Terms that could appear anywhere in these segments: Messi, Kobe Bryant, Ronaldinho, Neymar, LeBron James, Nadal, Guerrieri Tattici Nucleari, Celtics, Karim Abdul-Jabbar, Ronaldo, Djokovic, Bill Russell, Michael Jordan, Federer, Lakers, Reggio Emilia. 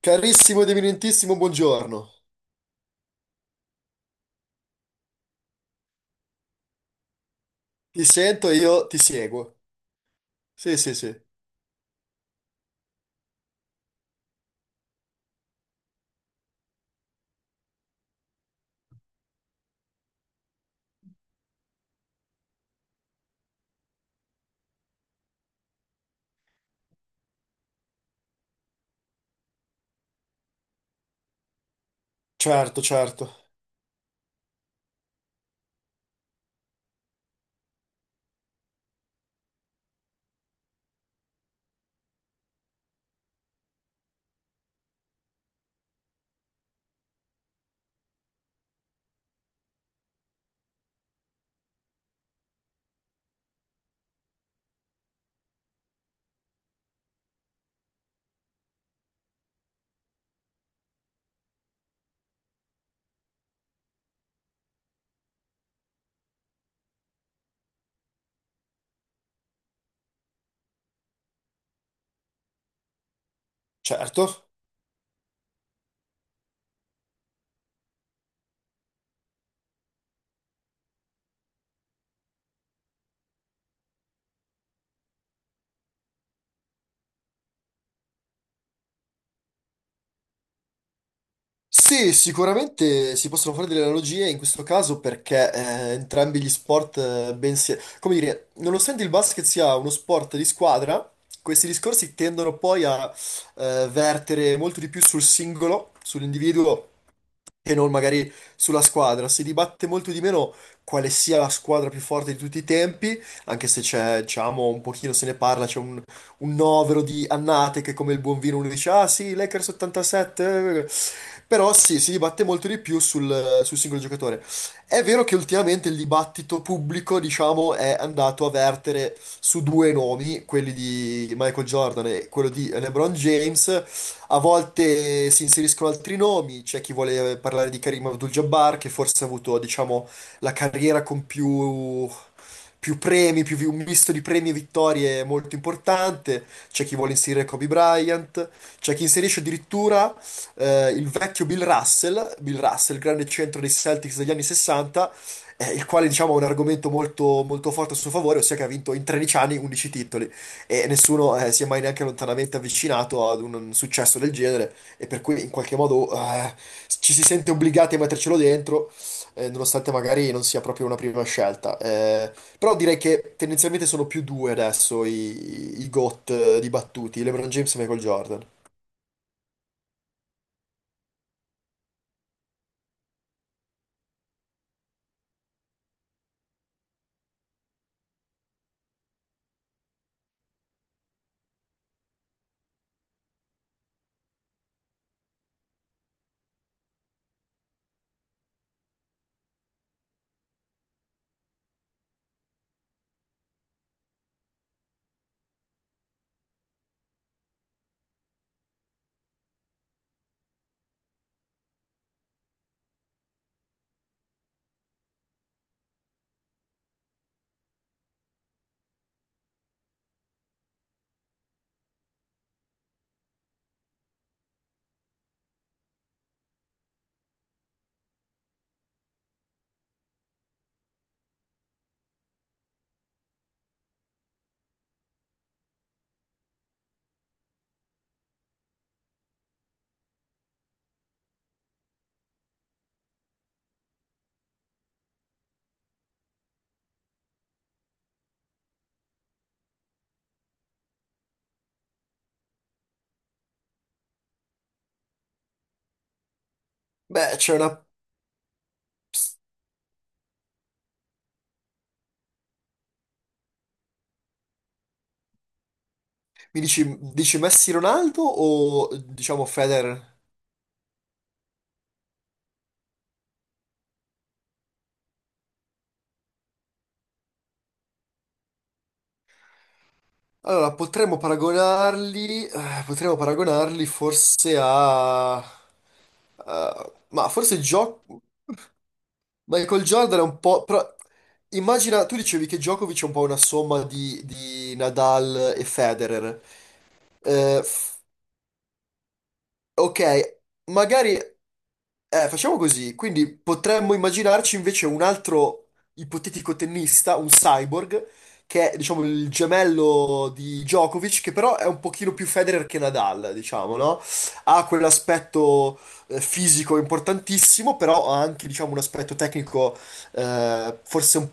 Carissimo ed eminentissimo, buongiorno. Ti sento e io ti seguo. Sì, sì, sì. Certo, certo. Certo. Sì, sicuramente si possono fare delle analogie in questo caso perché entrambi gli sport, come dire, nonostante il basket sia uno sport di squadra, questi discorsi tendono poi a vertere molto di più sul singolo, sull'individuo e non magari sulla squadra. Si dibatte molto di meno quale sia la squadra più forte di tutti i tempi, anche se c'è, diciamo, un pochino se ne parla, un novero di annate che come il buon vino uno dice, ah sì, Lakers 87, eh". Però sì, si dibatte molto di più sul singolo giocatore. È vero che ultimamente il dibattito pubblico, diciamo, è andato a vertere su due nomi, quelli di Michael Jordan e quello di LeBron James, a volte si inseriscono altri nomi, c'è chi vuole parlare di Karim Abdul-Jabbar, che forse ha avuto, diciamo, la carriera con più premi, un misto di premi e vittorie molto importante, c'è chi vuole inserire Kobe Bryant, c'è chi inserisce addirittura il vecchio Bill Russell, Bill Russell, grande centro dei Celtics degli anni 60, il quale, diciamo, ha un argomento molto, molto forte a suo favore, ossia che ha vinto in 13 anni 11 titoli e nessuno si è mai neanche lontanamente avvicinato ad un successo del genere e per cui in qualche modo ci si sente obbligati a mettercelo dentro nonostante magari non sia proprio una prima scelta. Però direi che tendenzialmente sono più due adesso i GOAT dibattuti, LeBron James e Michael Jordan. Beh, c'è una... Mi dici, dici Messi Ronaldo o diciamo Federer? Allora, potremmo paragonarli forse a... ma forse gioco Michael Jordan è un po'. Però immagina, tu dicevi che Djokovic è un po' una somma di Nadal e Federer. Eh, f- ok, magari. Facciamo così, quindi potremmo immaginarci invece un altro ipotetico tennista, un cyborg, che è, diciamo, il gemello di Djokovic, che però è un pochino più Federer che Nadal, diciamo, no? Ha quell'aspetto fisico importantissimo, però ha anche, diciamo, un aspetto tecnico forse un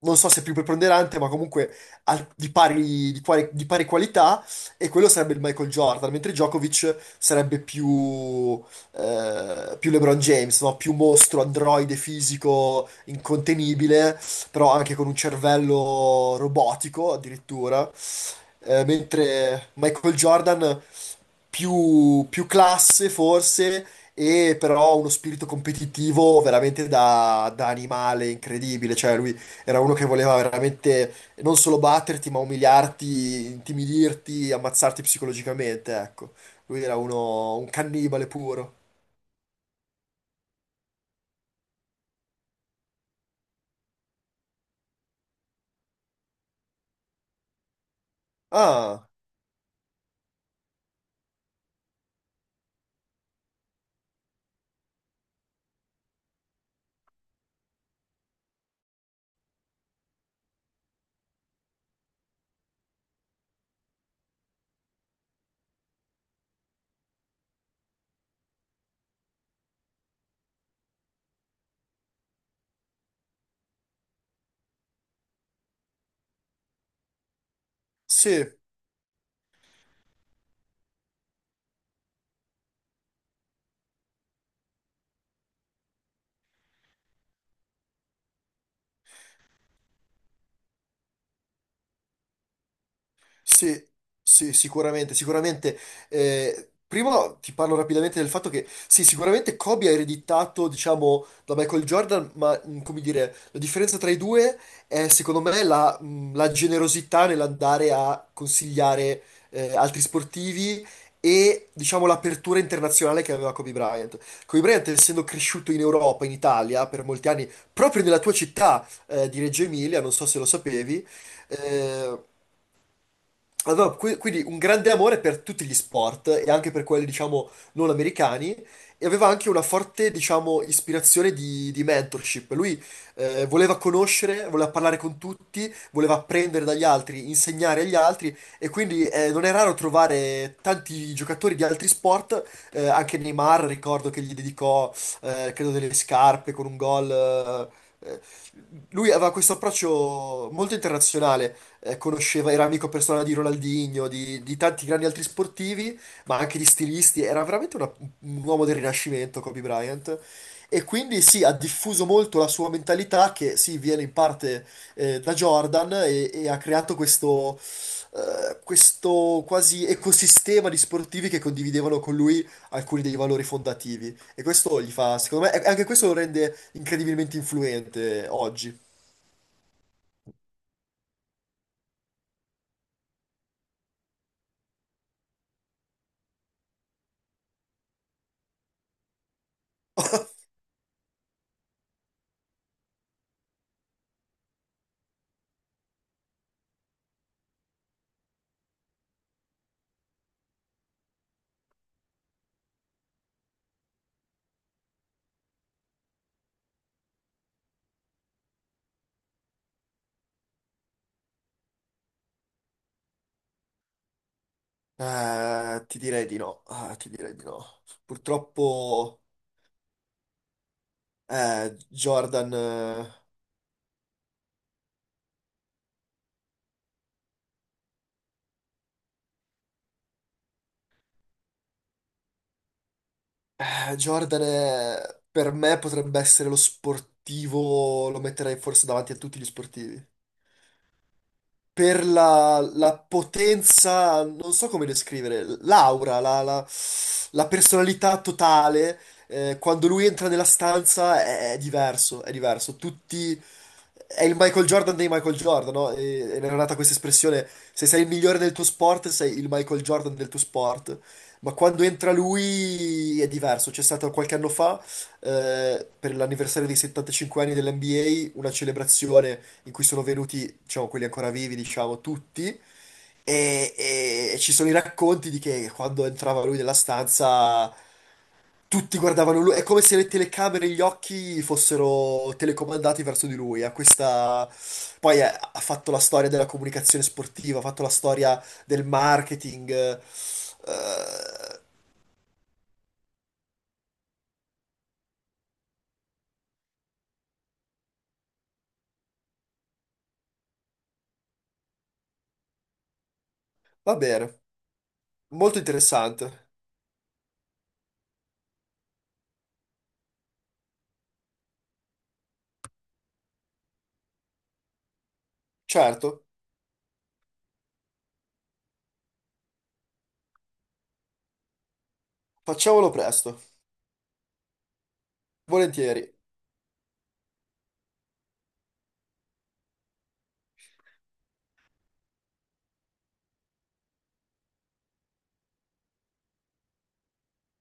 non so se più preponderante, ma comunque di pari, di pari qualità, e quello sarebbe il Michael Jordan, mentre Djokovic sarebbe più LeBron James, no? Più mostro, androide fisico, incontenibile, però anche con un cervello robotico addirittura. Mentre Michael Jordan più classe forse, e però uno spirito competitivo veramente da animale incredibile. Cioè lui era uno che voleva veramente non solo batterti, ma umiliarti, intimidirti, ammazzarti psicologicamente, ecco. Lui era uno, un cannibale puro. Ah, sì. Sì, sì, sicuramente, sicuramente. Prima ti parlo rapidamente del fatto che, sì, sicuramente Kobe ha ereditato, diciamo, da Michael Jordan, ma, come dire, la differenza tra i due è, secondo me, la generosità nell'andare a consigliare, altri sportivi e, diciamo, l'apertura internazionale che aveva Kobe Bryant. Kobe Bryant, essendo cresciuto in Europa, in Italia, per molti anni, proprio nella tua città, di Reggio Emilia, non so se lo sapevi, eh, aveva quindi un grande amore per tutti gli sport e anche per quelli, diciamo, non americani e aveva anche una forte, diciamo, ispirazione di mentorship. Lui voleva conoscere, voleva parlare con tutti, voleva apprendere dagli altri, insegnare agli altri e quindi non è raro trovare tanti giocatori di altri sport, anche Neymar, ricordo che gli dedicò, credo, delle scarpe con un gol. eh, eh, Lui aveva questo approccio molto internazionale conosceva, era amico personale di Ronaldinho, di tanti grandi altri sportivi, ma anche di stilisti. Un uomo del Rinascimento, Kobe Bryant. E quindi sì, ha diffuso molto la sua mentalità che sì, viene in parte da Jordan e ha creato questo, questo quasi ecosistema di sportivi che condividevano con lui alcuni dei valori fondativi. E questo gli fa, secondo me, e anche questo lo rende incredibilmente influente oggi. Ti direi di no. Ah, ti direi di no. Purtroppo eh, Jordan, eh, Jordan per me potrebbe essere lo sportivo, lo metterei forse davanti a tutti gli sportivi. Per la potenza, non so come descrivere, l'aura, la personalità totale, quando lui entra nella stanza è diverso, è diverso. Tutti, è il Michael Jordan dei Michael Jordan, no? Ed era nata questa espressione, se sei il migliore del tuo sport, sei il Michael Jordan del tuo sport. Ma quando entra lui è diverso. C'è stato qualche anno fa, per l'anniversario dei 75 anni dell'NBA, una celebrazione in cui sono venuti, diciamo, quelli ancora vivi, diciamo, tutti, e ci sono i racconti di che quando entrava lui nella stanza tutti guardavano lui, è come se le telecamere e gli occhi fossero telecomandati verso di lui, ha questa... Poi ha fatto la storia della comunicazione sportiva, ha fatto la storia del marketing, eh, va bene, molto interessante. Certo, facciamolo presto, volentieri.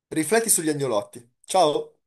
Rifletti sugli agnolotti. Ciao!